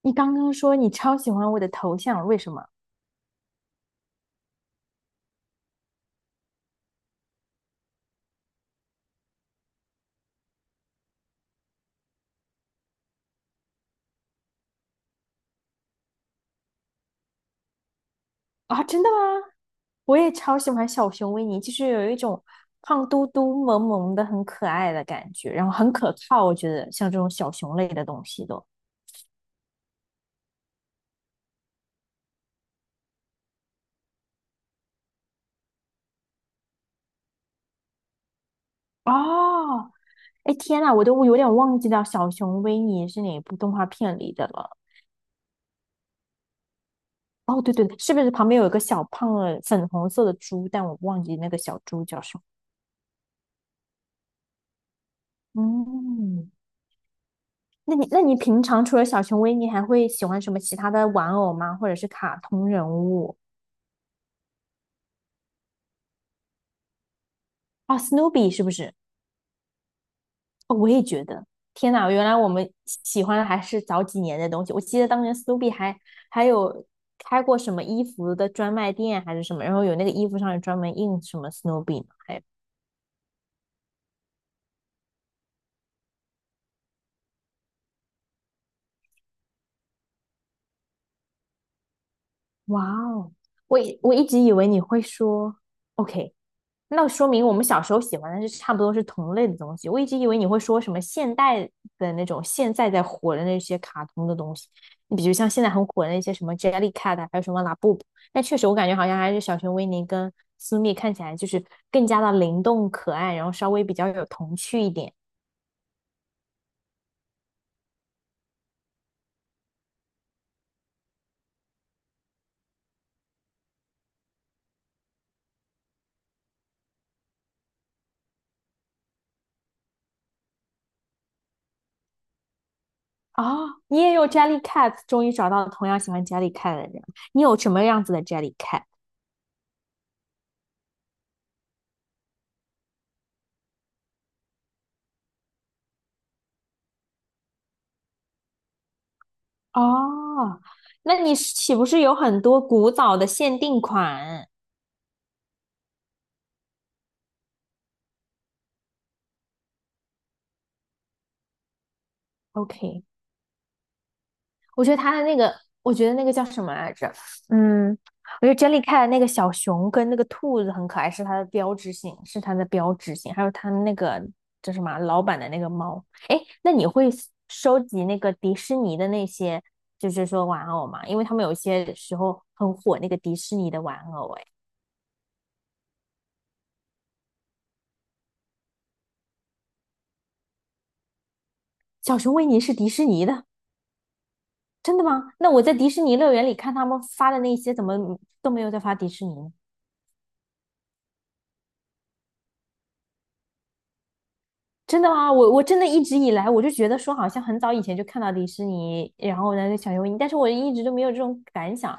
你刚刚说你超喜欢我的头像，为什么啊？真的吗？我也超喜欢小熊维尼，就是有一种胖嘟嘟、萌萌的、很可爱的感觉，然后很可靠。我觉得像这种小熊类的东西都哦，哎天呐，我都有点忘记掉小熊维尼是哪部动画片里的了。哦，对对对，是不是旁边有一个小胖的粉红色的猪？但我忘记那个小猪叫什么。嗯，那你平常除了小熊维尼，还会喜欢什么其他的玩偶吗？或者是卡通人物？哦，Snoopy 是不是？哦，我也觉得。天哪，原来我们喜欢的还是早几年的东西。我记得当年 Snoopy 还有开过什么衣服的专卖店还是什么，然后有那个衣服上有专门印什么 Snoopy 呢？还有，哇哦，我一直以为你会说 OK，那说明我们小时候喜欢的是差不多是同类的东西。我一直以为你会说什么现代的那种现在在火的那些卡通的东西，你比如像现在很火的那些什么 Jellycat，啊还有什么拉布布。但确实我感觉好像还是小熊维尼跟苏蜜看起来就是更加的灵动可爱，然后稍微比较有童趣一点。啊。你也有 Jellycat，终于找到同样喜欢 Jellycat 的人。你有什么样子的 Jellycat？哦，那你岂不是有很多古早的限定款？OK，我觉得他的那个，我觉得那个叫什么来着？嗯，我觉得 j e 珍妮开的那个小熊跟那个兔子很可爱，是它的标志性，是它的标志性。还有它那个叫什么啊老板的那个猫。哎，那你会收集那个迪士尼的那些，就是说玩偶吗？因为他们有些时候很火那个迪士尼的玩偶。哎，小熊维尼是迪士尼的，真的吗？那我在迪士尼乐园里看他们发的那些，怎么都没有在发迪士尼呢？真的吗？我真的一直以来我就觉得说，好像很早以前就看到迪士尼，然后呢小熊维尼，但是我一直都没有这种感想，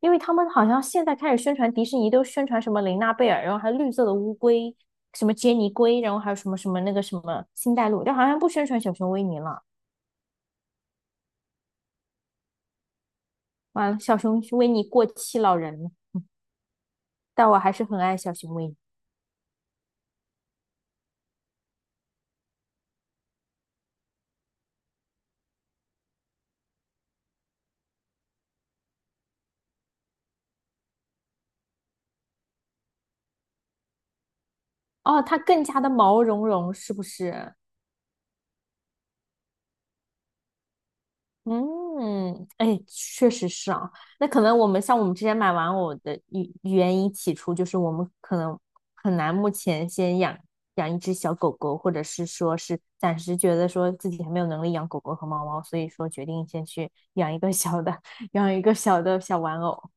因为他们好像现在开始宣传迪士尼，都宣传什么玲娜贝尔，然后还有绿色的乌龟，什么杰尼龟，然后还有什么什么那个什么星黛露，但好像不宣传小熊维尼了。完了，小熊维尼过气老人了，但我还是很爱小熊维尼。哦，它更加的毛茸茸，是不是？嗯，哎，确实是啊。那可能我们像我们之前买玩偶的原因起初就是我们可能很难目前先养一只小狗狗，或者是说是暂时觉得说自己还没有能力养狗狗和猫猫，所以说决定先去 养一个小的，养一个小的小玩偶。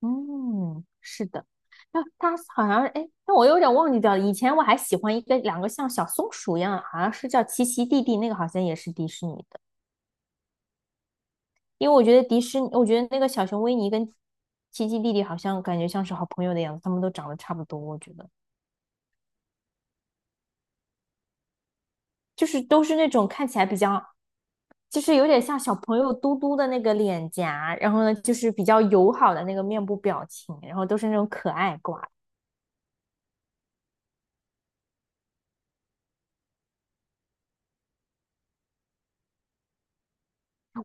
嗯，是的。那它好像是哎，但我有点忘记掉了。以前我还喜欢一个两个像小松鼠一样，好像是叫奇奇弟弟，那个好像也是迪士尼的。因为我觉得迪士尼，我觉得那个小熊维尼跟奇奇弟弟好像感觉像是好朋友的样子，他们都长得差不多，我觉得就是都是那种看起来比较，就是有点像小朋友嘟嘟的那个脸颊，然后呢就是比较友好的那个面部表情，然后都是那种可爱挂。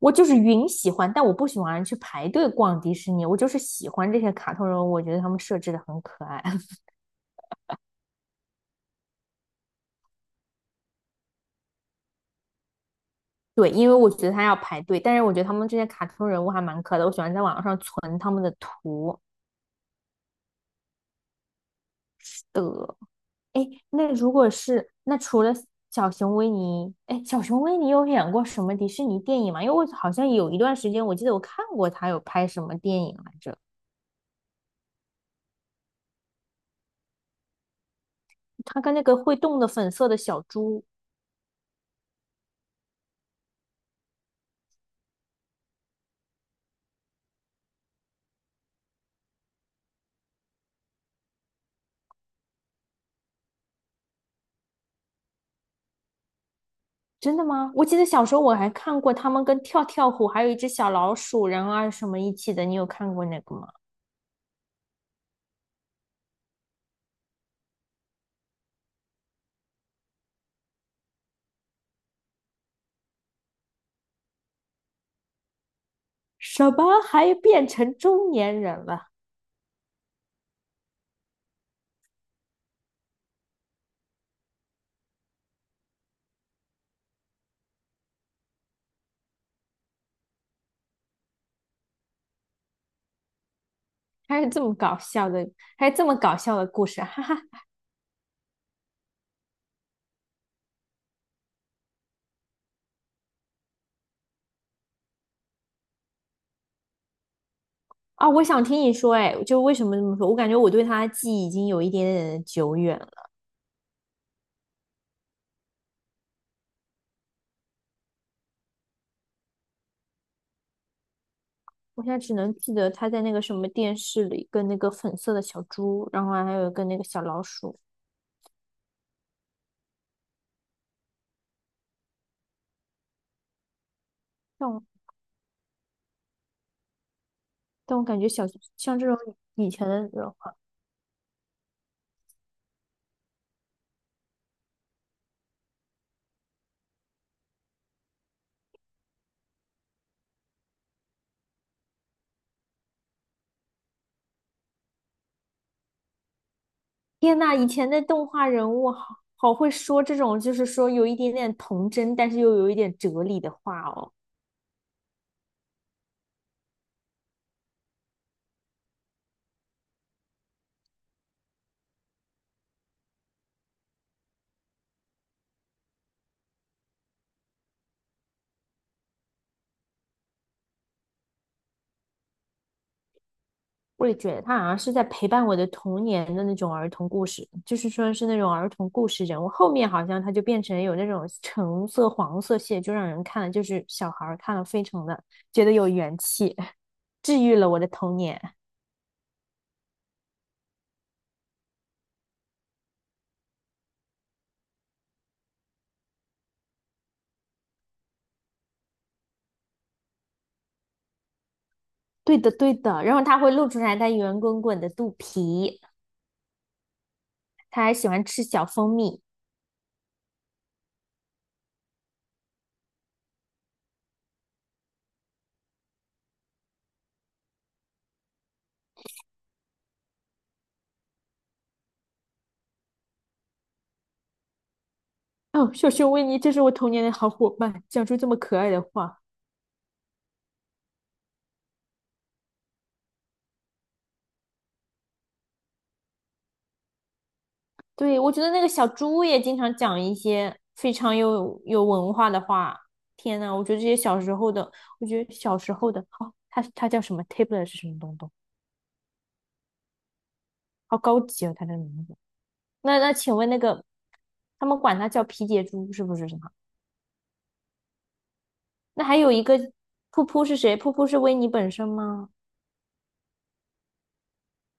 我就是云喜欢，但我不喜欢去排队逛迪士尼，我就是喜欢这些卡通人物，我觉得他们设置的很可爱。对，因为我觉得他要排队，但是我觉得他们这些卡通人物还蛮可爱的，我喜欢在网上存他们的图。是的。哎，那如果是那除了小熊维尼，哎，小熊维尼有演过什么迪士尼电影吗？因为我好像有一段时间，我记得我看过他有拍什么电影来着。他跟那个会动的粉色的小猪，真的吗？我记得小时候我还看过他们跟跳跳虎还有一只小老鼠然人啊什么一起的，你有看过那个吗？什么还变成中年人了？还有这么搞笑的，还有这么搞笑的故事，哈哈啊，我想听你说，哎，就为什么这么说？我感觉我对他的记忆已经有一点点的久远了，我现在只能记得他在那个什么电视里跟那个粉色的小猪，然后还有跟那个小老鼠。但我但我感觉小像这种以前的人画，天呐，以前的动画人物好会说这种，就是说有一点点童真，但是又有一点哲理的话哦。我也觉得他好像是在陪伴我的童年的那种儿童故事，就是说是那种儿童故事人物。后面好像他就变成有那种橙色、黄色系，就让人看了就是小孩儿看了非常的觉得有元气，治愈了我的童年。对的，对的。然后他会露出来他圆滚滚的肚皮，他还喜欢吃小蜂蜜。哦，小熊维尼，这是我童年的好伙伴，讲出这么可爱的话。对，我觉得那个小猪也经常讲一些非常有文化的话。天呐，我觉得这些小时候的，我觉得小时候的，好、哦他叫什么？tablet 是什么东东？好高级哦，它的名字。那请问那个，他们管他叫皮杰猪是不是什么？那还有一个噗噗是谁？噗噗是维尼本身吗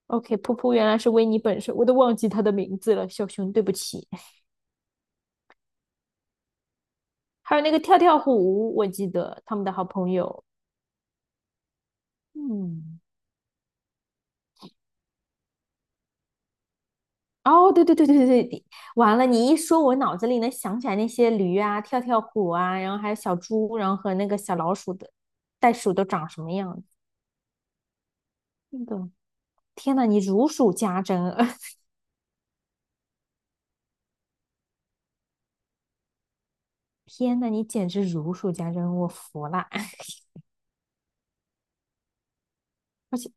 ？OK，噗噗原来是维尼本身，我都忘记他的名字了，小熊，对不起。还有那个跳跳虎，我记得他们的好朋友，嗯。哦，对对对对对对，你完了！你一说，我脑子里能想起来那些驴啊、跳跳虎啊，然后还有小猪，然后和那个小老鼠的袋鼠都长什么样子。那个，天呐，你如数家珍！天呐，你简直如数家珍，我服了。而且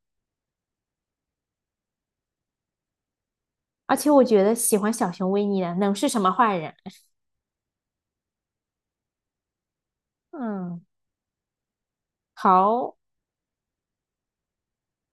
而且，我觉得喜欢小熊维尼的能是什么坏人？嗯，好。